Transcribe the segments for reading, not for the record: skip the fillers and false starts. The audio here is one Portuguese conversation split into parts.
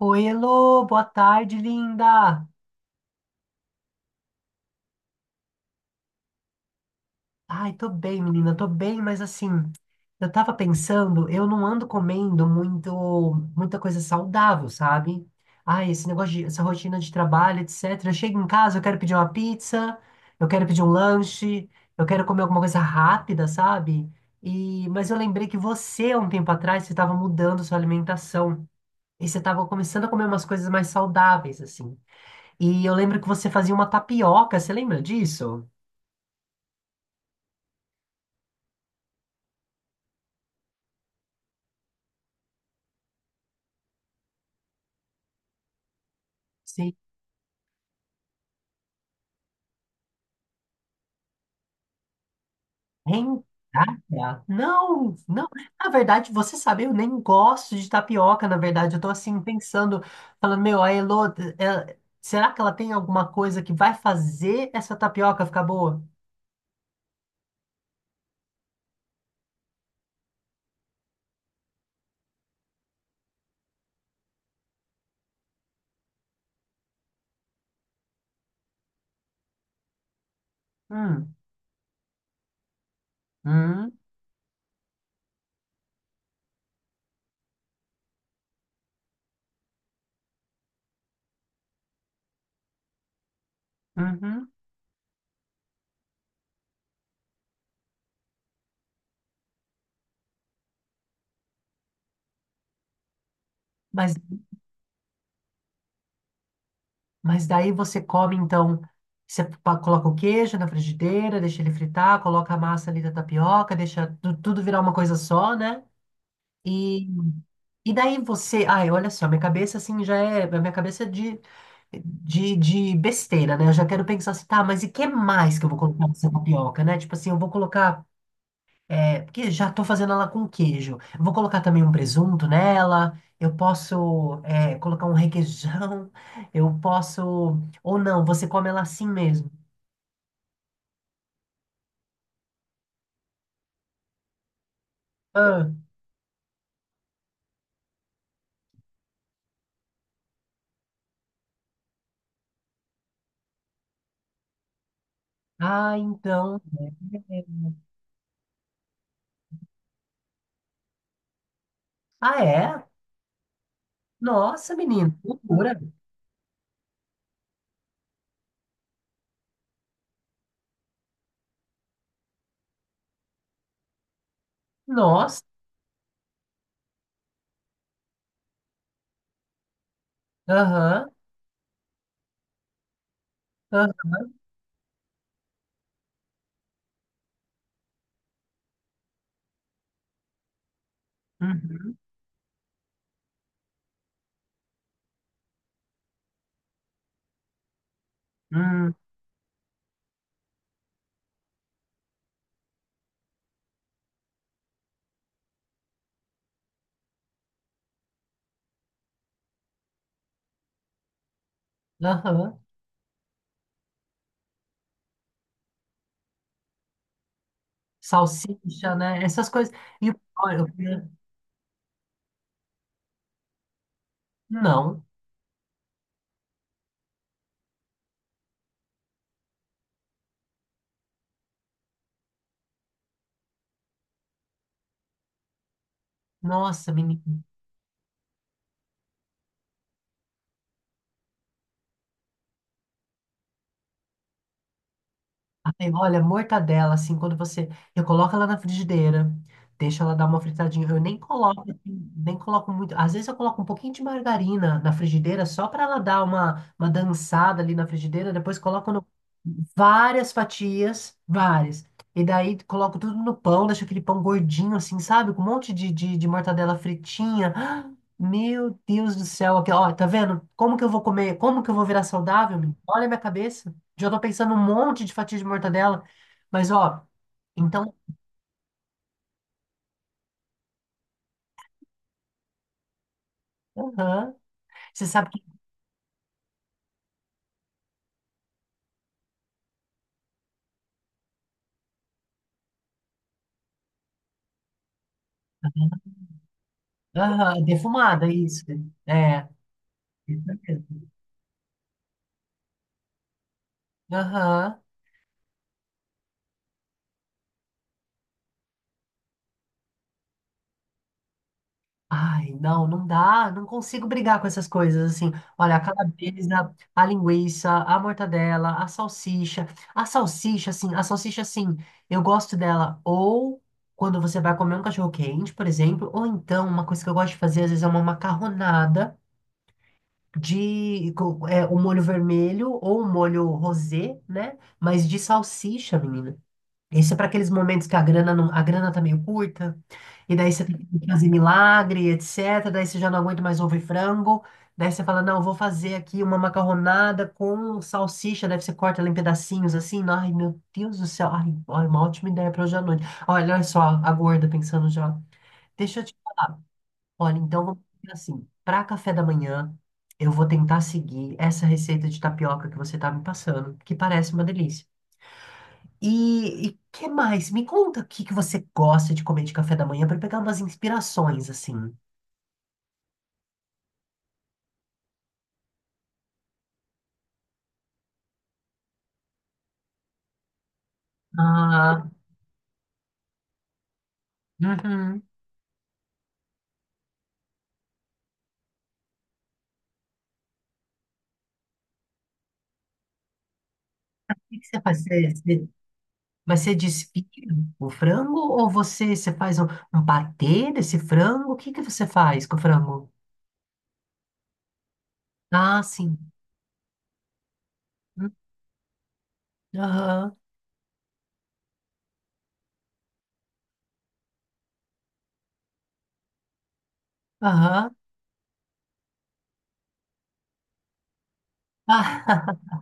Oi, Elô, boa tarde, linda. Ai, tô bem, menina, tô bem, mas assim, eu tava pensando, eu não ando comendo muito, muita coisa saudável, sabe? Ai, esse negócio de, essa rotina de trabalho, etc. Eu chego em casa, eu quero pedir uma pizza, eu quero pedir um lanche, eu quero comer alguma coisa rápida, sabe? E, mas eu lembrei que você, há um tempo atrás, você tava mudando sua alimentação e você tava começando a comer umas coisas mais saudáveis, assim. E eu lembro que você fazia uma tapioca, você lembra disso? Sim. Rendada? Não, não. Na verdade, você sabe, eu nem gosto de tapioca, na verdade. Eu tô assim pensando, falando, meu, a Elô, será que ela tem alguma coisa que vai fazer essa tapioca ficar boa? Hum, hum, uhum. Mas, mas daí você come, então, você coloca o queijo na frigideira, deixa ele fritar, coloca a massa ali da tapioca, deixa tudo virar uma coisa só, né? E e daí você, ai, olha só, minha cabeça assim já é, a minha cabeça é de besteira, né? Eu já quero pensar assim, tá, mas e que mais que eu vou colocar nessa tapioca, né? Tipo assim, eu vou colocar, é, porque já tô fazendo ela com queijo. Eu vou colocar também um presunto nela, eu posso, é, colocar um requeijão, eu posso, ou não, você come ela assim mesmo. Ah, ah, então. É. Ah, é? Nossa, menino, loucura. Nossa, aham. Aham. Uhum. Hum. Aham. Salsicha, né? Essas coisas. E o pior, não. Nossa, menina. Ai, olha, mortadela, assim, quando você. Eu coloco ela na frigideira, deixo ela dar uma fritadinha. Eu nem coloco, assim, nem coloco muito. Às vezes eu coloco um pouquinho de margarina na frigideira, só para ela dar uma dançada ali na frigideira. Depois coloco no- várias fatias, várias. E daí coloco tudo no pão, deixo aquele pão gordinho, assim, sabe? Com um monte de mortadela fritinha. Ah, meu Deus do céu, aqui, ó, tá vendo? Como que eu vou comer? Como que eu vou virar saudável, menino? Olha a minha cabeça. Já tô pensando um monte de fatia de mortadela. Mas, ó, então, aham. Você sabe que. Aham, é defumada, isso. É, isso mesmo. Aham. Ai, não, não dá. Não consigo brigar com essas coisas, assim. Olha, a calabresa, a linguiça, a mortadela, a salsicha. A salsicha, assim, eu gosto dela ou quando você vai comer um cachorro quente, por exemplo, ou então, uma coisa que eu gosto de fazer, às vezes, é uma macarronada. É, o molho vermelho ou o molho rosé, né? Mas de salsicha, menina. Isso é para aqueles momentos que a grana não, a grana tá meio curta, e daí você tem que fazer milagre, etc. Daí você já não aguenta mais ovo e frango. Daí você fala, não, vou fazer aqui uma macarronada com salsicha. Daí você corta ela em pedacinhos assim. Ai, meu Deus do céu. Ai, olha, uma ótima ideia para hoje à noite. Olha, olha só, a gorda pensando já. Deixa eu te olha, então vamos fazer assim, para café da manhã, eu vou tentar seguir essa receita de tapioca que você tá me passando, que parece uma delícia. E o que mais? Me conta o que que você gosta de comer de café da manhã para pegar umas inspirações assim. Ah, uhum. O que que você faz? Mas você desfia o frango ou você faz um, um patê desse frango? O que que você faz com o frango? Ah, sim. Hum, aham, aham.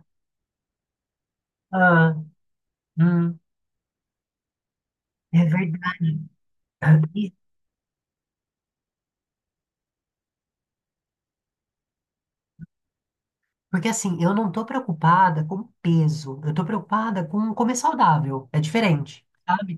Ah, ah, é verdade. Ah, e- porque assim, eu não tô preocupada com peso, eu tô preocupada com comer saudável, é diferente, sabe?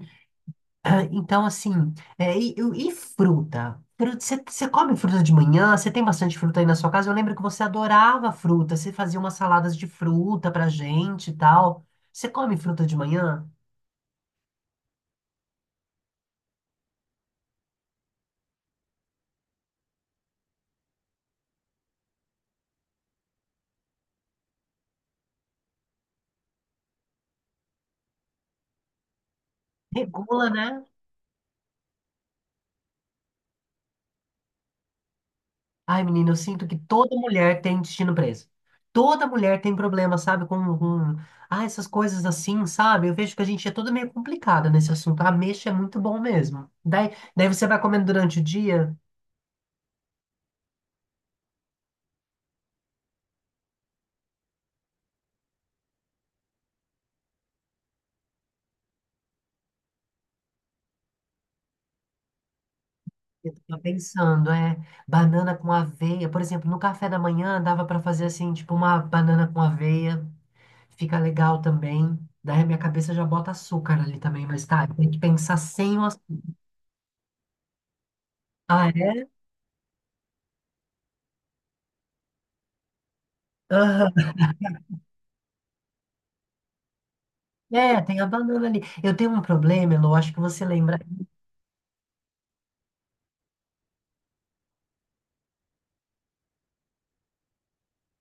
Ah, então, assim, é, e fruta? Fruta, você você come fruta de manhã? Você tem bastante fruta aí na sua casa? Eu lembro que você adorava fruta, você fazia umas saladas de fruta pra gente e tal. Você come fruta de manhã? Regula, né? Ai, menina, eu sinto que toda mulher tem intestino preso. Toda mulher tem problema, sabe? Com... Ah, essas coisas assim, sabe? Eu vejo que a gente é toda meio complicada nesse assunto. A mexa é muito bom mesmo. Daí você vai comendo durante o dia. Eu tava pensando, é, banana com aveia. Por exemplo, no café da manhã dava pra fazer assim, tipo uma banana com aveia. Fica legal também. Daí a minha cabeça já bota açúcar ali também, mas tá, tem que pensar sem o açúcar. Ah, é? Aham. É, tem a banana ali. Eu tenho um problema, Elo, acho que você lembra.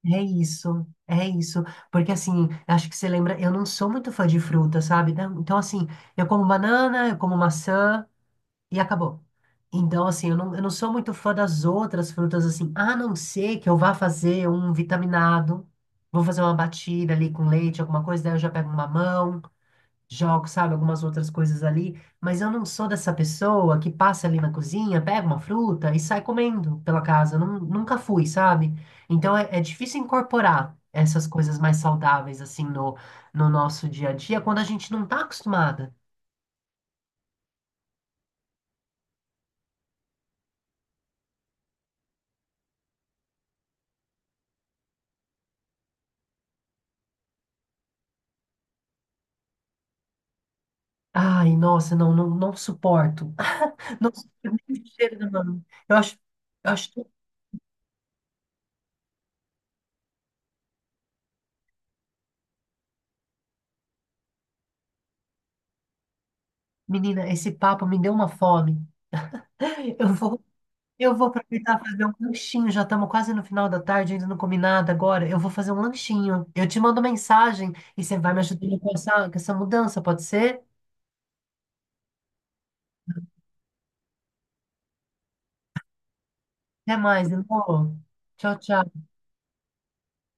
É isso, é isso. Porque assim, acho que você lembra, eu não sou muito fã de fruta, sabe? Não, então, assim, eu como banana, eu como maçã e acabou. Então, assim, eu não sou muito fã das outras frutas, assim, a não ser que eu vá fazer um vitaminado, vou fazer uma batida ali com leite, alguma coisa, daí eu já pego um mamão. Jogo, sabe, algumas outras coisas ali, mas eu não sou dessa pessoa que passa ali na cozinha, pega uma fruta e sai comendo pela casa. Eu nunca fui, sabe? Então é, é difícil incorporar essas coisas mais saudáveis assim no, no nosso dia a dia quando a gente não tá acostumada. Ai, nossa, não suporto. Não suporto nem o cheiro da mão. Eu acho, menina, esse papo me deu uma fome. Eu vou eu vou aproveitar e fazer um lanchinho. Já estamos quase no final da tarde, ainda não comi nada agora. Eu vou fazer um lanchinho. Eu te mando mensagem e você vai me ajudando com essa mudança, pode ser? Até mais, amor. Tchau, tchau.